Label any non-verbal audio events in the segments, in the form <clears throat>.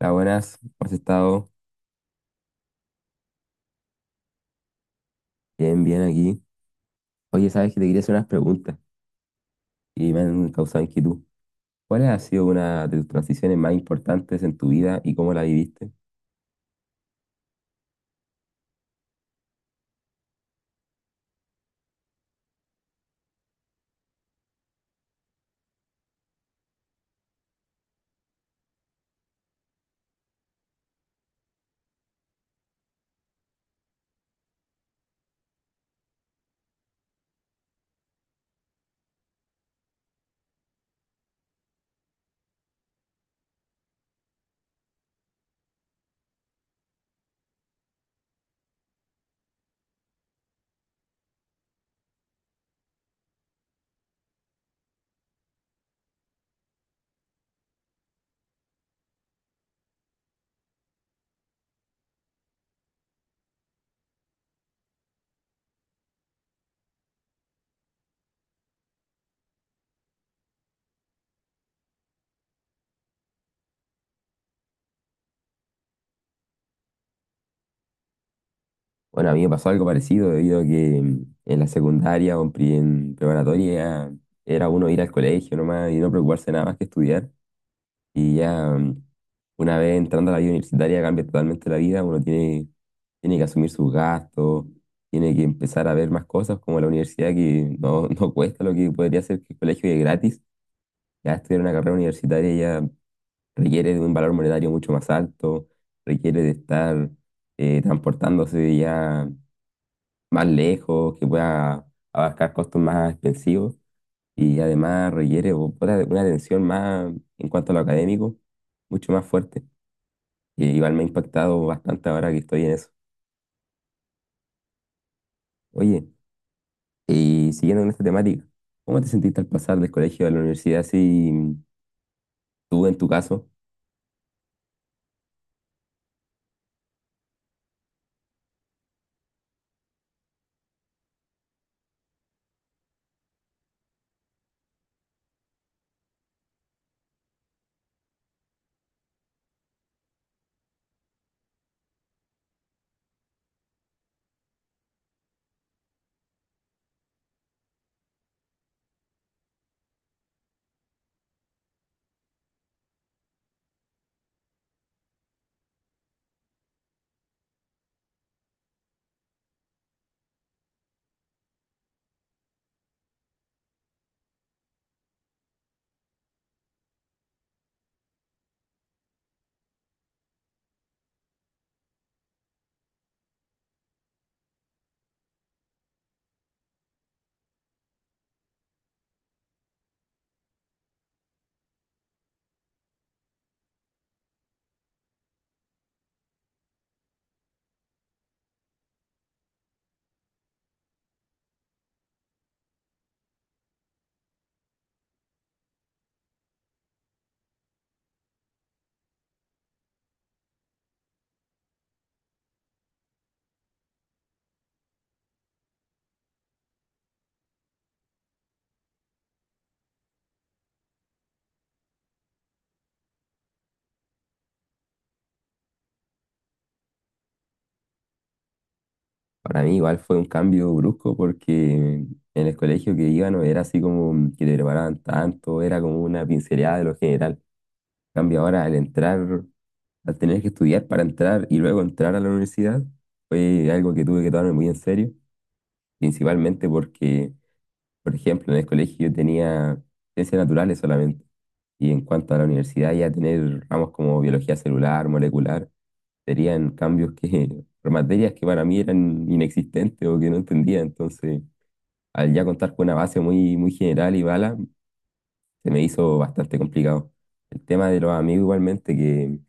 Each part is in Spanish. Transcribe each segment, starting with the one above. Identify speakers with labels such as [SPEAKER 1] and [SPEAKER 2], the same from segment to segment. [SPEAKER 1] Hola, buenas, ¿cómo has estado? Bien, bien aquí. Oye, sabes que te quería hacer unas preguntas y me han causado inquietud. ¿Cuál ha sido una de tus transiciones más importantes en tu vida y cómo la viviste? Bueno, a mí me pasó algo parecido debido a que en la secundaria o en en preparatoria era uno ir al colegio nomás y no preocuparse nada más que estudiar. Y ya una vez entrando a la vida universitaria cambia totalmente la vida, tiene que asumir sus gastos, tiene que empezar a ver más cosas como la universidad que no, <laughs> no cuesta lo que podría ser que el colegio y es gratis. Ya estudiar una carrera universitaria ya requiere de un valor monetario mucho más alto, requiere de estar transportándose ya más lejos, que pueda abarcar costos más expensivos y además requiere una atención más en cuanto a lo académico, mucho más fuerte. Y igual me ha impactado bastante ahora que estoy en eso. Oye, y siguiendo con esta temática, ¿cómo te sentiste al pasar del colegio a la universidad? Si tú en tu caso, para mí igual fue un cambio brusco porque en el colegio que iba no era así como que te preparaban tanto, era como una pincelada de lo general. En cambio, ahora al entrar, al tener que estudiar para entrar y luego entrar a la universidad, fue algo que tuve que tomarme muy en serio, principalmente porque, por ejemplo, en el colegio yo tenía ciencias naturales solamente. Y en cuanto a la universidad, ya tener ramos como biología celular, molecular, serían cambios que, <laughs> por materias que para mí eran inexistentes o que no entendía. Entonces, al ya contar con una base muy, muy general y bala, se me hizo bastante complicado. El tema de los amigos, igualmente, que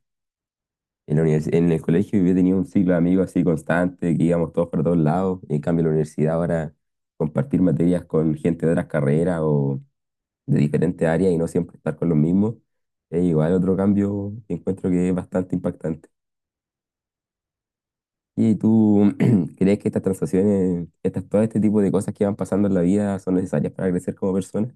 [SPEAKER 1] en el colegio yo tenía un ciclo de amigos así constante, que íbamos todos para todos lados. En cambio, en la universidad ahora compartir materias con gente de otras carreras o de diferentes áreas y no siempre estar con los mismos, es igual otro cambio que encuentro que es bastante impactante. ¿Y tú <clears throat> crees que estas transacciones, estas, todo este tipo de cosas que van pasando en la vida son necesarias para crecer como persona?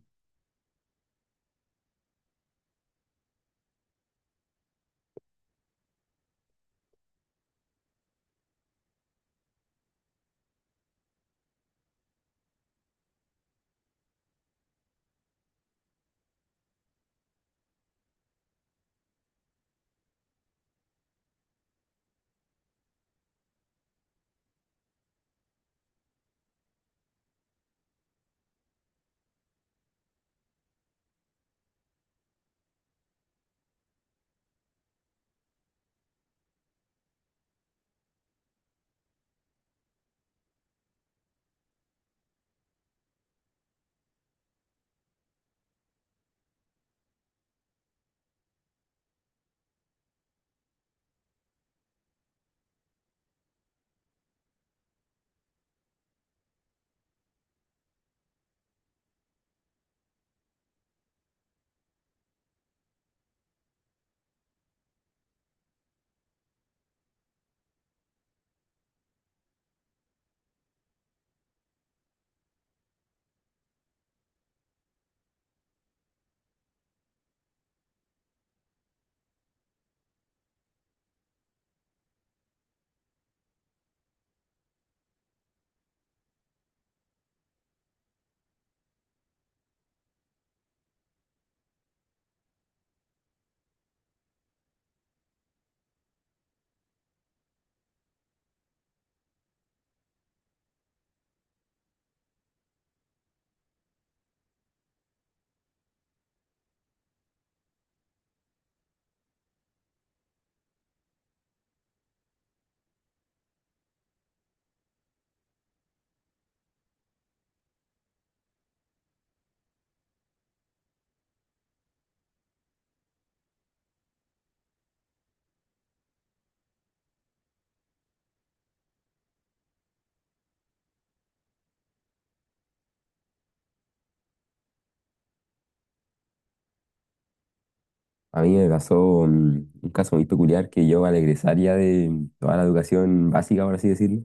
[SPEAKER 1] A mí me pasó un caso muy peculiar que yo al egresar ya de toda la educación básica, por así decirlo,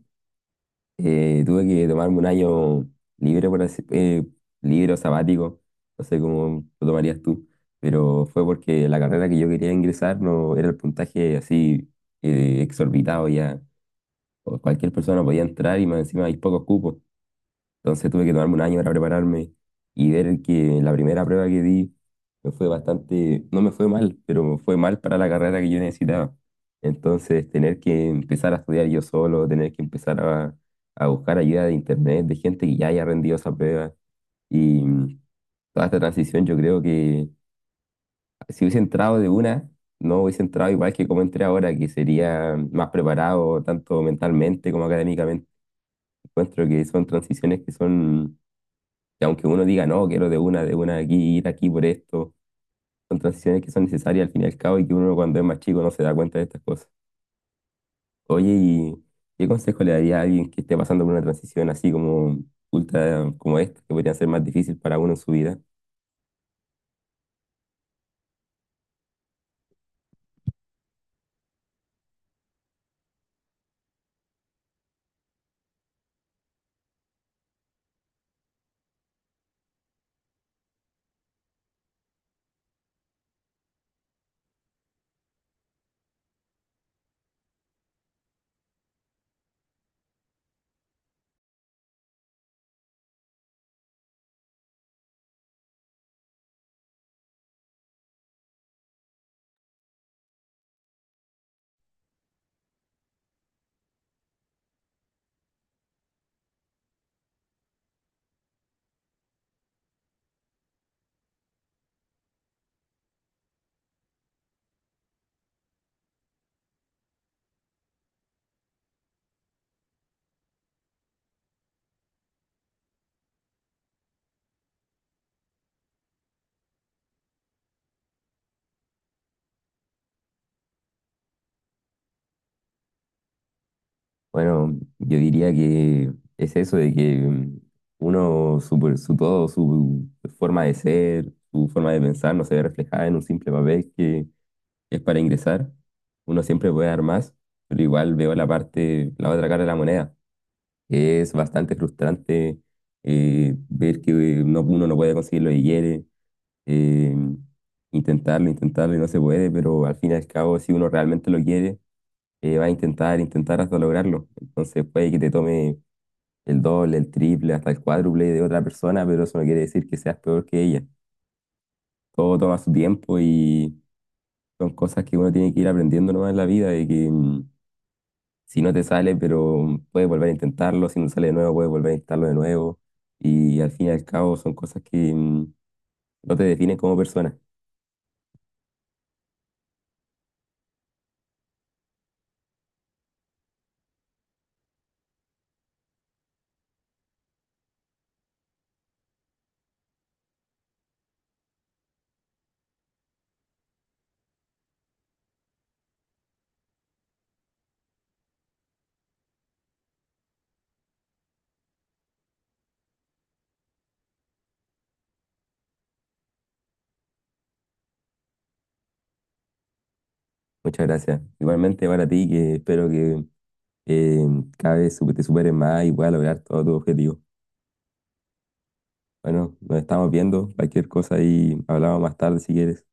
[SPEAKER 1] tuve que tomarme un año libre, por así, libre o sabático, no sé cómo lo tomarías tú, pero fue porque la carrera que yo quería ingresar no era el puntaje así exorbitado ya. O cualquier persona podía entrar y más encima hay pocos cupos. Entonces tuve que tomarme un año para prepararme y ver que la primera prueba que di me fue bastante, no me fue mal, pero me fue mal para la carrera que yo necesitaba. Entonces tener que empezar a estudiar yo solo, tener que empezar a buscar ayuda de internet, de gente que ya haya rendido esa prueba. Y toda esta transición yo creo que si hubiese entrado de una, no hubiese entrado igual que como entré ahora, que sería más preparado tanto mentalmente como académicamente. Encuentro que son transiciones que son y aunque uno diga, no, quiero de una aquí, ir aquí por esto, son transiciones que son necesarias al fin y al cabo y que uno cuando es más chico no se da cuenta de estas cosas. Oye, ¿y qué consejo le daría a alguien que esté pasando por una transición así como ultra, como esta, que podría ser más difícil para uno en su vida? Bueno, yo diría que es eso de que su todo, su forma de ser, su forma de pensar no se ve reflejada en un simple papel que es para ingresar. Uno siempre puede dar más, pero igual veo la parte, la otra cara de la moneda. Que es bastante frustrante ver que no, uno no puede conseguir lo que quiere, eh, intentarlo, intentarlo y no se puede, pero al fin y al cabo, si uno realmente lo quiere, va a intentar, intentar hasta lograrlo. Entonces puede que te tome el doble, el triple, hasta el cuádruple de otra persona, pero eso no quiere decir que seas peor que ella. Todo toma su tiempo y son cosas que uno tiene que ir aprendiendo nomás en la vida y que si no te sale, pero puedes volver a intentarlo, si no sale de nuevo, puedes volver a intentarlo de nuevo. Y al fin y al cabo son cosas que no te definen como persona. Muchas gracias. Igualmente para ti, que espero que eh, cada vez te superes más y puedas lograr todo tu objetivo. Bueno, nos estamos viendo, cualquier cosa y hablamos más tarde si quieres.